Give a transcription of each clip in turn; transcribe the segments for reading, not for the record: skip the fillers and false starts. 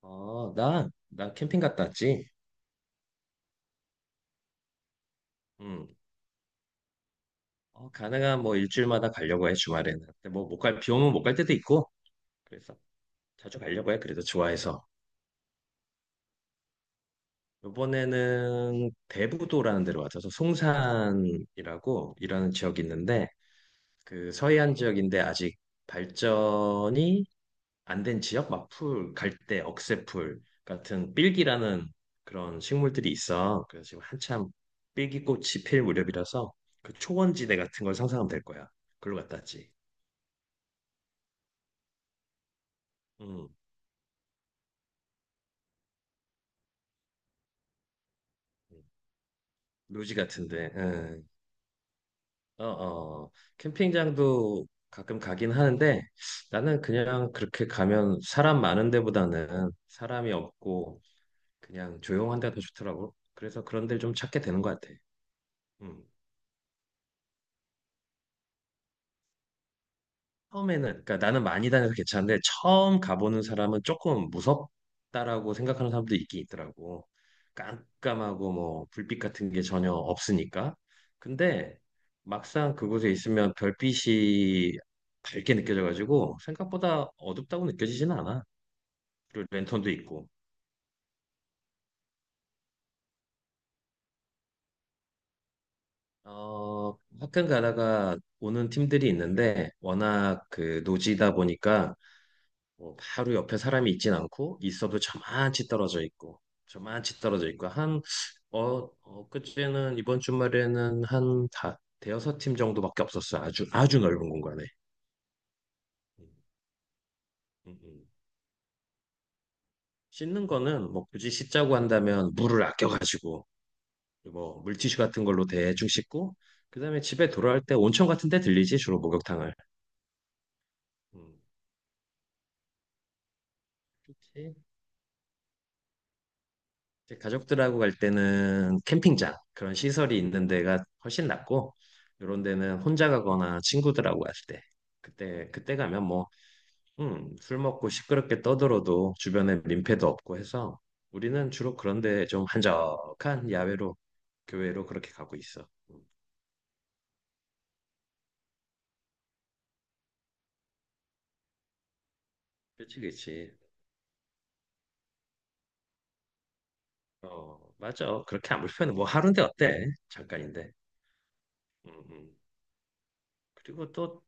어, 나 캠핑 갔다 왔지. 음. 어, 가능한 뭐 일주일마다 가려고 해, 주말에는. 근데 뭐 못 갈, 비 오면 못 갈 때도 있고. 그래서 자주 가려고 해, 그래도 좋아해서. 이번에는 대부도라는 데로 와서 송산이라고 일하는 지역이 있는데, 그 서해안 지역인데 아직 발전이 안된 지역 막 풀, 갈대, 억새풀 같은 삘기라는 그런 식물들이 있어. 그래서 지금 한참 삘기꽃이 필 무렵이라서 그 초원지대 같은 걸 상상하면 될 거야. 글로 갔다 왔지. 음, 음. 묘지 같은데. 음. 어, 어. 어. 캠핑장도 가끔 가긴 하는데 나는 그냥 그렇게 가면 사람 많은 데보다는 사람이 없고 그냥 조용한 데가 더 좋더라고. 그래서 그런 데를 좀 찾게 되는 것 같아. 음. 처음에는 그러니까 나는 많이 다녀서 괜찮은데 처음 가보는 사람은 조금 무섭다라고 생각하는 사람도 있긴 있더라고. 깜깜하고 뭐 불빛 같은 게 전혀 없으니까. 근데 막상 그곳에 있으면 별빛이 밝게 느껴져가지고 생각보다 어둡다고 느껴지지는 않아. 그리고 랜턴도 있고. 어, 학교 가다가 오는 팀들이 있는데 워낙 그 노지다 보니까 뭐 바로 옆에 사람이 있진 않고 있어도 저만치 떨어져 있고 저만치 떨어져 있고 한 어, 엊그제는 이번 주말에는 대여섯 팀 정도밖에 없었어요. 아주 아주 넓은 공간에. 음, 음, 음. 씻는 거는 뭐 굳이 씻자고 한다면 물을 아껴가지고 뭐 물티슈 같은 걸로 대충 씻고 그다음에 집에 돌아올 때 온천 같은 데 들리지 주로 목욕탕을. 음. 그치? 제 가족들하고 갈 때는 캠핑장 그런 시설이 있는 데가 훨씬 낫고 이런 데는 혼자 가거나 친구들하고 갈 때 그때 그때 가면 뭐 술 먹고 시끄럽게 떠들어도 주변에 민폐도 없고 해서 우리는 주로 그런 데 좀 한적한 야외로 교외로 그렇게 가고 있어. 그치 그치. 어 맞아. 그렇게 안 불편해. 뭐 하루인데 어때? 잠깐인데. 음, 음. 그리고 또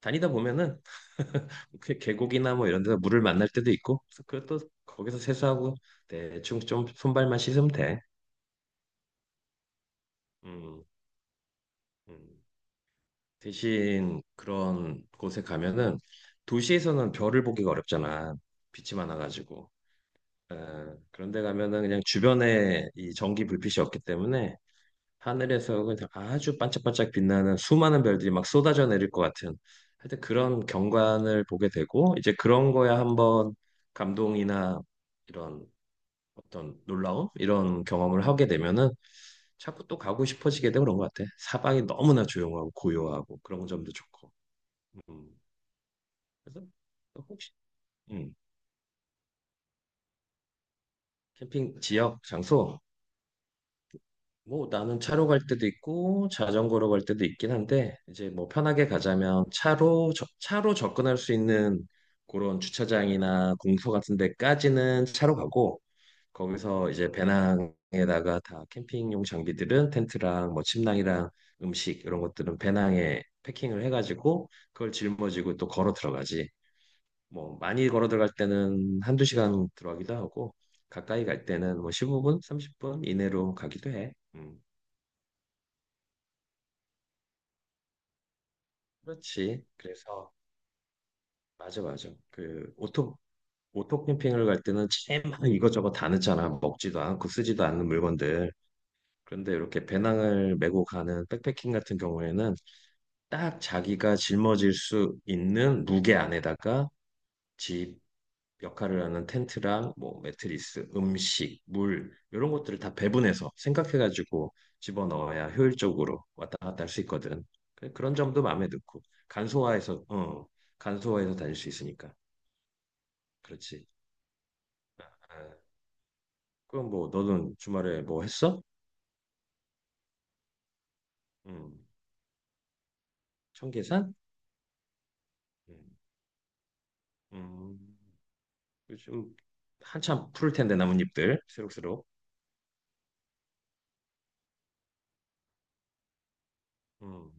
다니다 보면은 그 계곡이나 뭐 이런 데서 물을 만날 때도 있고 그래서 그것도 거기서 세수하고 대충 좀 손발만 씻으면 돼. 음, 음. 대신 그런 곳에 가면은 도시에서는 별을 보기가 어렵잖아. 빛이 많아가지고. 어, 그런데 가면은 그냥 주변에 이 전기 불빛이 없기 때문에 하늘에서 그냥 아주 반짝반짝 빛나는 수많은 별들이 막 쏟아져 내릴 것 같은 하여튼 그런 경관을 보게 되고 이제 그런 거야 한번 감동이나 이런 어떤 놀라움 이런 경험을 하게 되면은 자꾸 또 가고 싶어지게 되고 그런 것 같아. 사방이 너무나 조용하고 고요하고 그런 점도 좋고. 음. 그래서 또 혹시 음, 캠핑 지역 장소 뭐 나는 차로 갈 때도 있고 자전거로 갈 때도 있긴 한데 이제 뭐 편하게 가자면 차로 접근할 수 있는 그런 주차장이나 공소 같은 데까지는 차로 가고 거기서 이제 배낭에다가 다 캠핑용 장비들은 텐트랑 뭐 침낭이랑 음식 이런 것들은 배낭에 패킹을 해가지고 그걸 짊어지고 또 걸어 들어가지. 뭐 많이 걸어 들어갈 때는 한두 시간 들어가기도 하고 가까이 갈 때는 뭐 15분, 30분 이내로 가기도 해. 그렇지. 그래서 맞아 맞아. 그 오토 캠핑을 갈 때는 제막 이것저것 다 넣잖아. 먹지도 않고 쓰지도 않는 물건들. 그런데 이렇게 배낭을 메고 가는 백패킹 같은 경우에는 딱 자기가 짊어질 수 있는 무게 안에다가 집 역할을 하는 텐트랑 뭐 매트리스, 음식, 물 이런 것들을 다 배분해서 생각해가지고 집어넣어야 효율적으로 왔다 갔다 할 수 있거든. 그런 점도 마음에 넣고 간소화해서 어 간소화해서 다닐 수 있으니까 그렇지. 아, 그럼 뭐 너는 주말에 뭐 했어? 음, 청계산? 음, 음, 요즘 한참 푸를 텐데 나뭇잎들 새록새록. 음.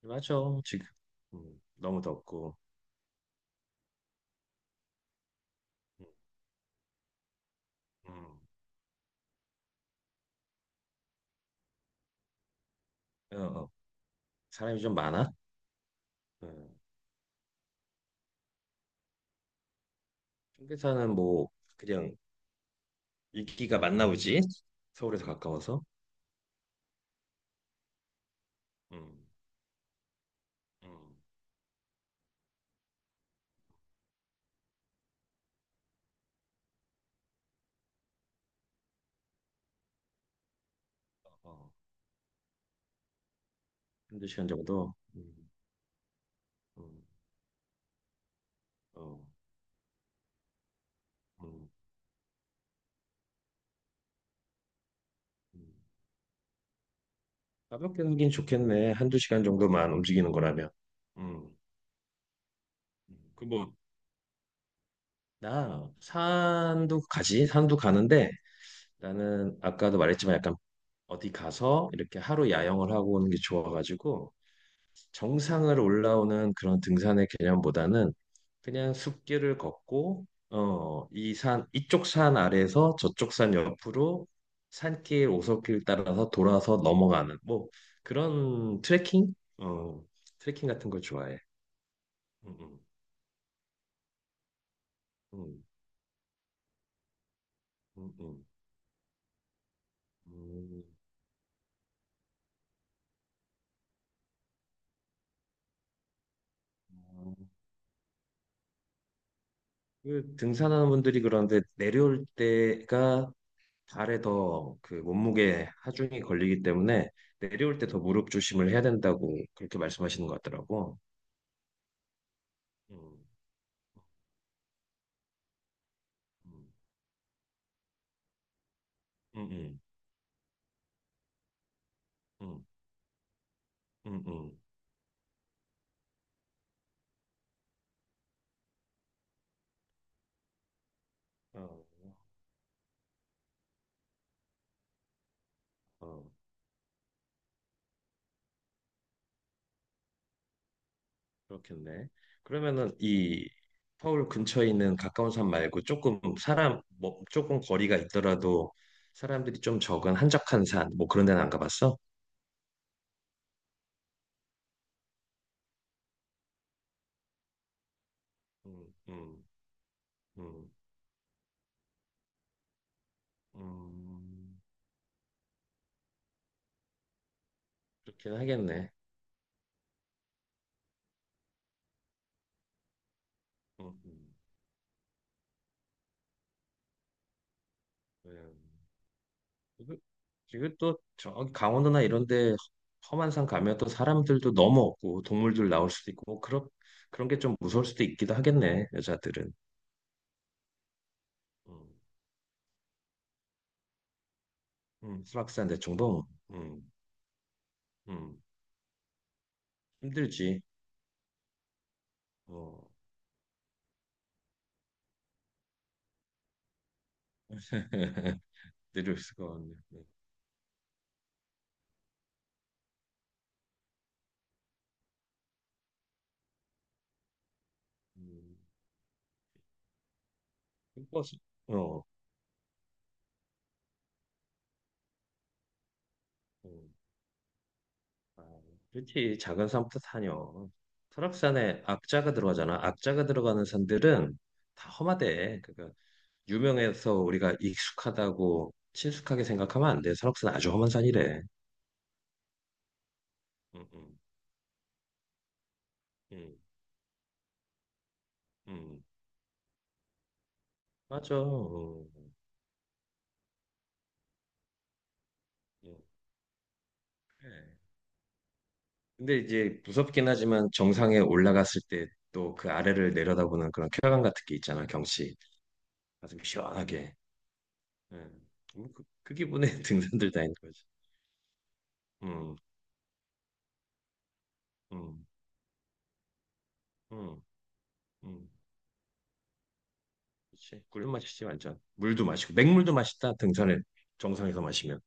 맞아 지금 너무 덥고 음, 음, 어, 어. 사람이 좀 많아 음. 청계산은 뭐 그냥 인기가 많나 보지 서울에서 가까워서 음, 음, 어, 한두 시간 정도 음, 어, 음, 음. 가볍게 가긴 좋겠네 한 두 시간 정도만 움직이는 거라면 음. 그뭐 나 산도 가지 산도 가는데 나는 아까도 말했지만 약간 어디 가서 이렇게 하루 야영을 하고 오는 게 좋아가지고 정상을 올라오는 그런 등산의 개념보다는 그냥 숲길을 걷고 어, 이쪽 산 아래에서 저쪽 산 옆으로 산길, 오솔길 따라서 돌아서 넘어가는 뭐 그런 트레킹? 어, 트레킹 같은 걸 좋아해. 음, 음, 음, 음, 음. 음. 그 등산하는 분들이 그런데 내려올 때가 발에 더 그 몸무게 하중이 걸리기 때문에 내려올 때 더 무릎 조심을 해야 된다고 그렇게 말씀하시는 것 같더라고. 음, 음, 음, 음, 음, 음. 어, 어, 그렇겠네. 그러면은 이 서울 근처에 있는 가까운 산 말고 조금 사람 뭐 조금 거리가 있더라도 사람들이 좀 적은 한적한 산 뭐 그런 데는 안 가봤어? 음, 음, 음, 음, 그렇긴 하겠네. 음, 음. 음. 그리또저 강원도나 이런 데 험한 산 가면 또 사람들도 너무 없고 동물들 나올 수도 있고 뭐 그런 그런 게 좀 무서울 수도 있기도 하겠네 여자들은 음, 수락산 대청봉 음, 음, 힘들지 어 내려올 수가 없네 네. 음, 버스 어 음. 아, 그렇지 작은 산부터 다녀 설악산에 악자가 들어가잖아 악자가 들어가는 산들은 다 험하대 그러니까 유명해서 우리가 익숙하다고 친숙하게 생각하면 안 돼. 설악산 아주 험한 산이래. 응, 응, 응, 응. 맞아. 응, 응. 그래. 근데 이제 무섭긴 하지만 정상에 올라갔을 때 또 그 아래를 내려다보는 그런 쾌감 같은 게 있잖아, 경치. 아주 시원하게. 응. 뭐 그 기분에 등산들 다니는 거지. 응, 응, 응, 응. 그치. 꿀 맛이지, 완전. 물도 마시고. 맹물도 맛있다, 등산에. 정상에서 마시면.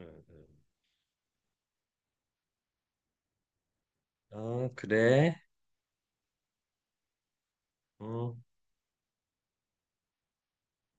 응, 응. 아, 그래. 응.